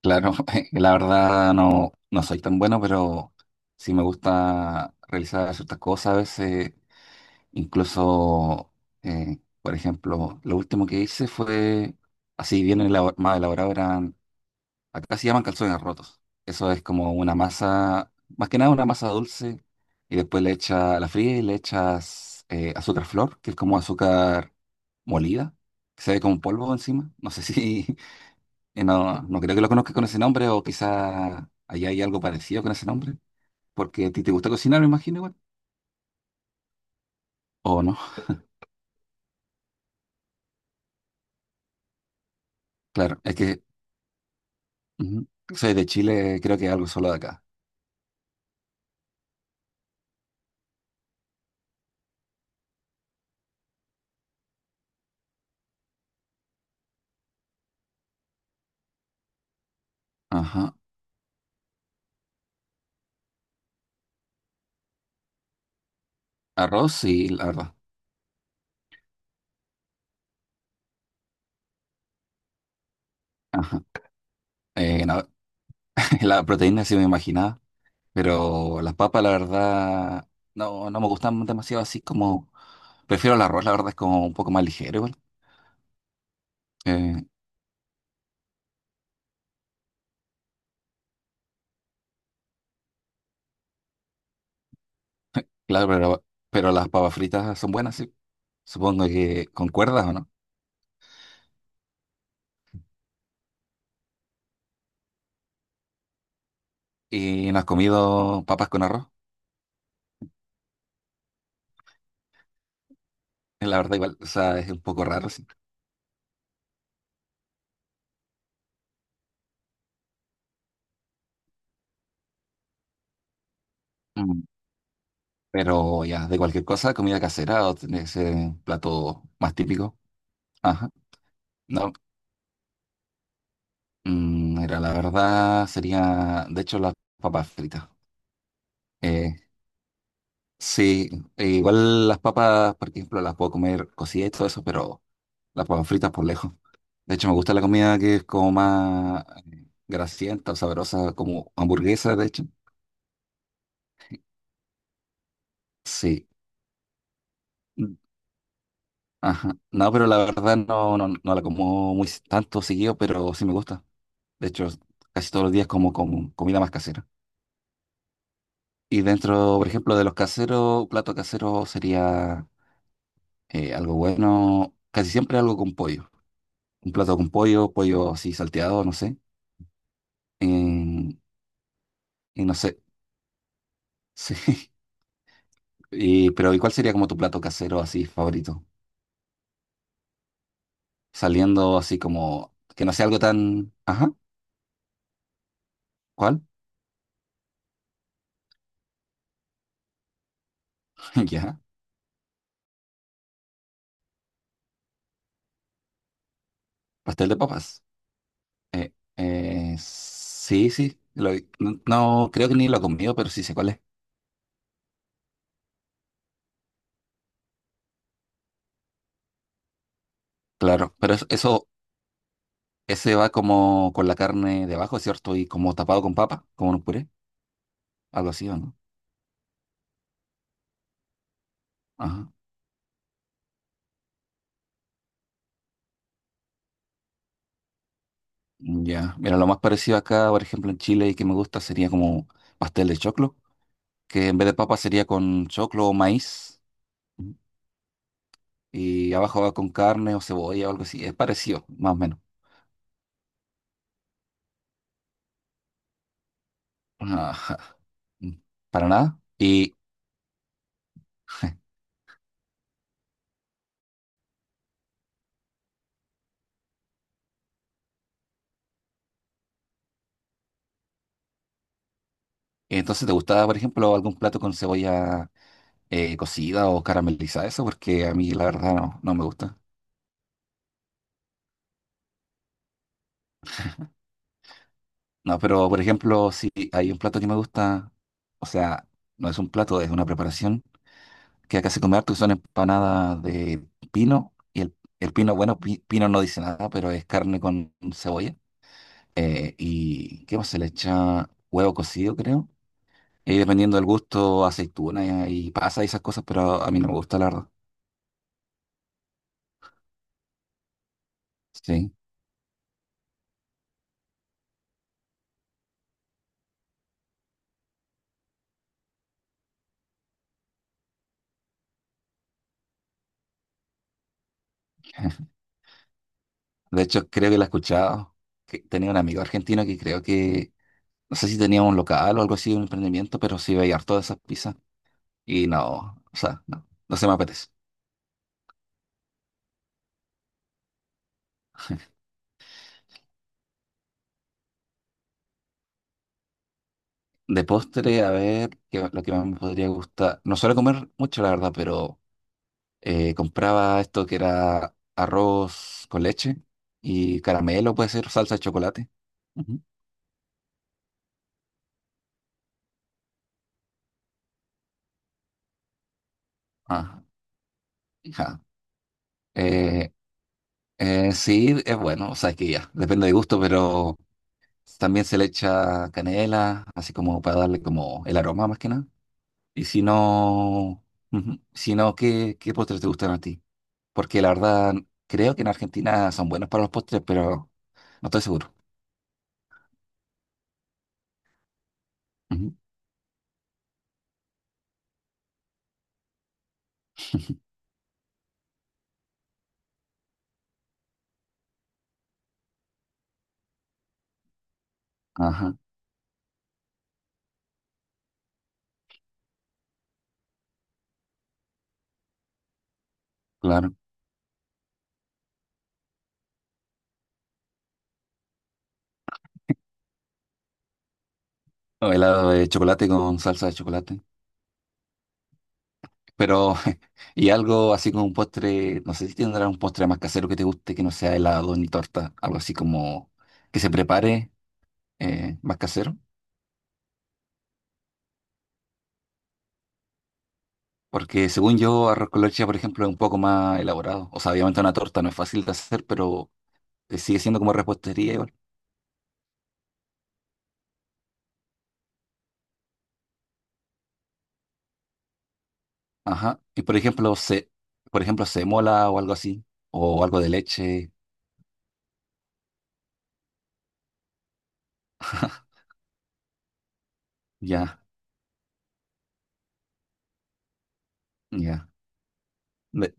Claro, la verdad no, no soy tan bueno, pero sí me gusta realizar ciertas cosas a veces. Incluso, por ejemplo, lo último que hice fue, así bien más elaborado, eran, acá se llaman calzones rotos. Eso es como una masa, más que nada una masa dulce, y después le echa la fría y le echas azúcar flor, que es como azúcar molida, que se ve como polvo encima. No sé si no, no creo que lo conozcas con ese nombre, o quizá allá hay algo parecido con ese nombre, porque a ti te gusta cocinar, me imagino, igual. O no, claro, es que ujú, soy de Chile, creo que es algo solo de acá. Ajá. Arroz, y la verdad. Ajá. No, la proteína sí me imaginaba, pero las papas, la verdad, no, no me gustan demasiado así como. Prefiero el arroz, la verdad, es como un poco más ligero, igual. Eh, claro, pero las papas fritas son buenas, sí. Supongo que concuerdas, ¿o no? Y no has comido papas con arroz. La verdad, igual, o sea, es un poco raro, sí. Mm. Pero ya, de cualquier cosa, comida casera o tiene que plato más típico. Ajá. No, mm, mira, la verdad sería, de hecho, las papas fritas. Eh, sí, e igual las papas, por ejemplo, las puedo comer cocidas y todo eso, pero las papas fritas por lejos. De hecho, me gusta la comida que es como más grasienta o sabrosa, como hamburguesa, de hecho. Sí. Ajá. No, pero la verdad no, no, no la como muy s- tanto seguido, pero sí me gusta. De hecho, casi todos los días como, como comida más casera. Y dentro, por ejemplo, de los caseros, plato casero sería algo bueno, casi siempre algo con pollo. Un plato con pollo, pollo así salteado, no sé. Eh, y no sé, sí. Y, pero ¿y cuál sería como tu plato casero así favorito? Saliendo así como, que no sea algo tan... Ajá, ¿cuál? Ya, pastel de papas. Sí, sí, no, no, creo que ni lo he comido, pero sí sé cuál es. Claro, pero eso, ese va como con la carne debajo, ¿cierto? Y como tapado con papa, como un puré, algo así, ¿o no? Ajá, ya. Mira, lo más parecido acá, por ejemplo, en Chile y que me gusta sería como pastel de choclo, que en vez de papa sería con choclo o maíz, ujú. Y abajo va con carne o cebolla o algo así, es parecido, más o menos. Ajá. Para nada. Y entonces, ¿te gustaba, por ejemplo, algún plato con cebolla cocida o caramelizada? Eso, porque a mí la verdad no, no me gusta. No, pero por ejemplo, si hay un plato que me gusta, o sea, no es un plato, es una preparación que acá se come harto, que son empanadas de pino. Y el pino, bueno, pino no dice nada, pero es carne con cebolla. ¿Y qué más se le echa? Huevo cocido, creo. Y dependiendo del gusto, aceituna y pasa y esas cosas, pero a mí no me gusta, la verdad. Sí. De hecho, creo que la he escuchado. Que tenía un amigo argentino que creo que, no sé si tenía un local o algo así, un emprendimiento, pero sí veía todas esas pizzas. Y no, o sea, no, no se me apetece. De postre, a ver, que lo que más me podría gustar. No suelo comer mucho, la verdad, pero compraba esto que era arroz con leche y caramelo, puede ser salsa de chocolate. Ujú. Ah, ja. Eh, sí, es bueno, o sea, es que ya, depende de gusto, pero también se le echa canela, así como para darle como el aroma más que nada. Y si no, ujú, si no, ¿qué, qué postres te gustan a ti? Porque la verdad, creo que en Argentina son buenos para los postres, pero no estoy seguro. Ujú, ajá, claro. O helado de chocolate con salsa de chocolate. Pero, y algo así como un postre, no sé si tendrá un postre más casero que te guste, que no sea helado ni torta, algo así como que se prepare más casero. Porque según yo, arroz con leche, por ejemplo, es un poco más elaborado. O sea, obviamente una torta no es fácil de hacer, pero sigue siendo como repostería igual. Ajá. Por ejemplo, se mola o algo así. O algo de leche. Ya, ya. De-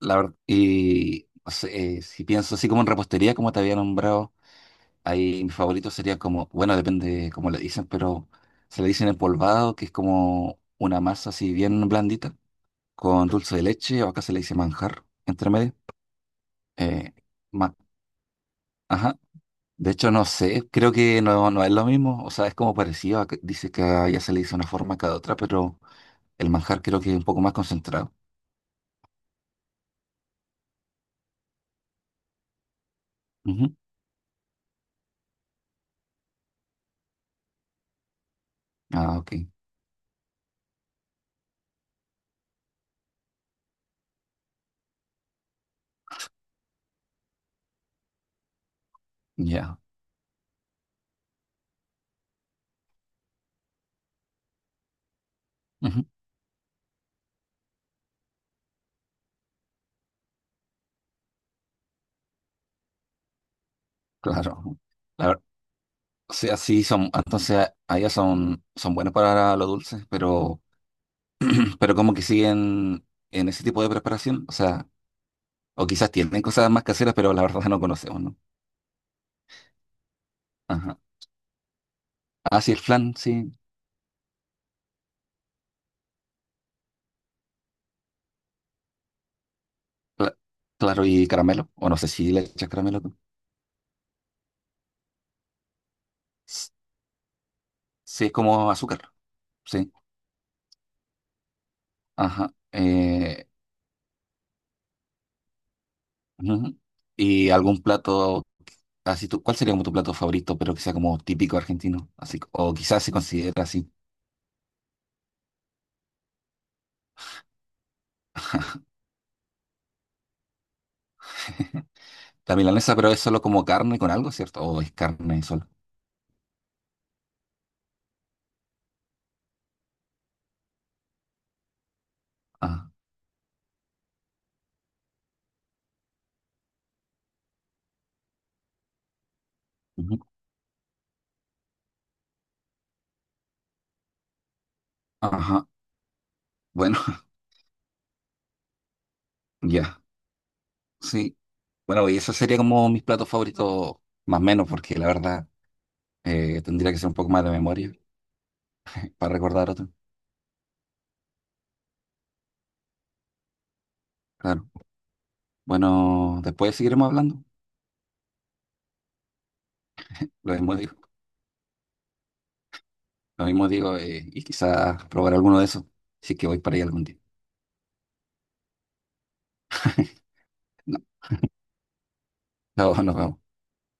la verdad, y no sé, si pienso así como en repostería, como te había nombrado, ahí mi favorito sería como, bueno, depende cómo le dicen, pero se le dicen empolvado, que es como una masa así bien blandita, con dulce de leche, o acá se le dice manjar, entre medio. Eh, ma- ajá. De hecho, no sé, creo que no, no es lo mismo, o sea, es como parecido, a dice que a ella se le dice una forma cada otra, pero el manjar creo que es un poco más concentrado. Ujú. Ah, ok, ya, ujú, claro. La ver- o sea, sí, son, entonces a son, son buenas para lo dulce, pero, pero como que siguen en ese tipo de preparación, o sea, o quizás tienen cosas más caseras, pero la verdad no conocemos, ¿no? Ajá. Ah, sí, el flan, sí, cla- claro, y caramelo, o no sé si le echas caramelo. S- sí, es como azúcar. Sí, ajá. Ujú. Y algún plato, así tú, ¿cuál sería como tu plato favorito, pero que sea como típico argentino? Así, o quizás se considera así. La milanesa, pero es solo como carne con algo, ¿cierto? O es carne solo. Ajá. Ujú. Ajá. Bueno, ya. Sí. Bueno, y eso sería como mis platos favoritos, más o menos, porque la verdad tendría que ser un poco más de memoria para recordar otro. Claro. Bueno, después seguiremos hablando. Lo hemos lo mismo digo, y quizás probar alguno de esos, si es que voy para ahí algún día. No, no, nos vemos.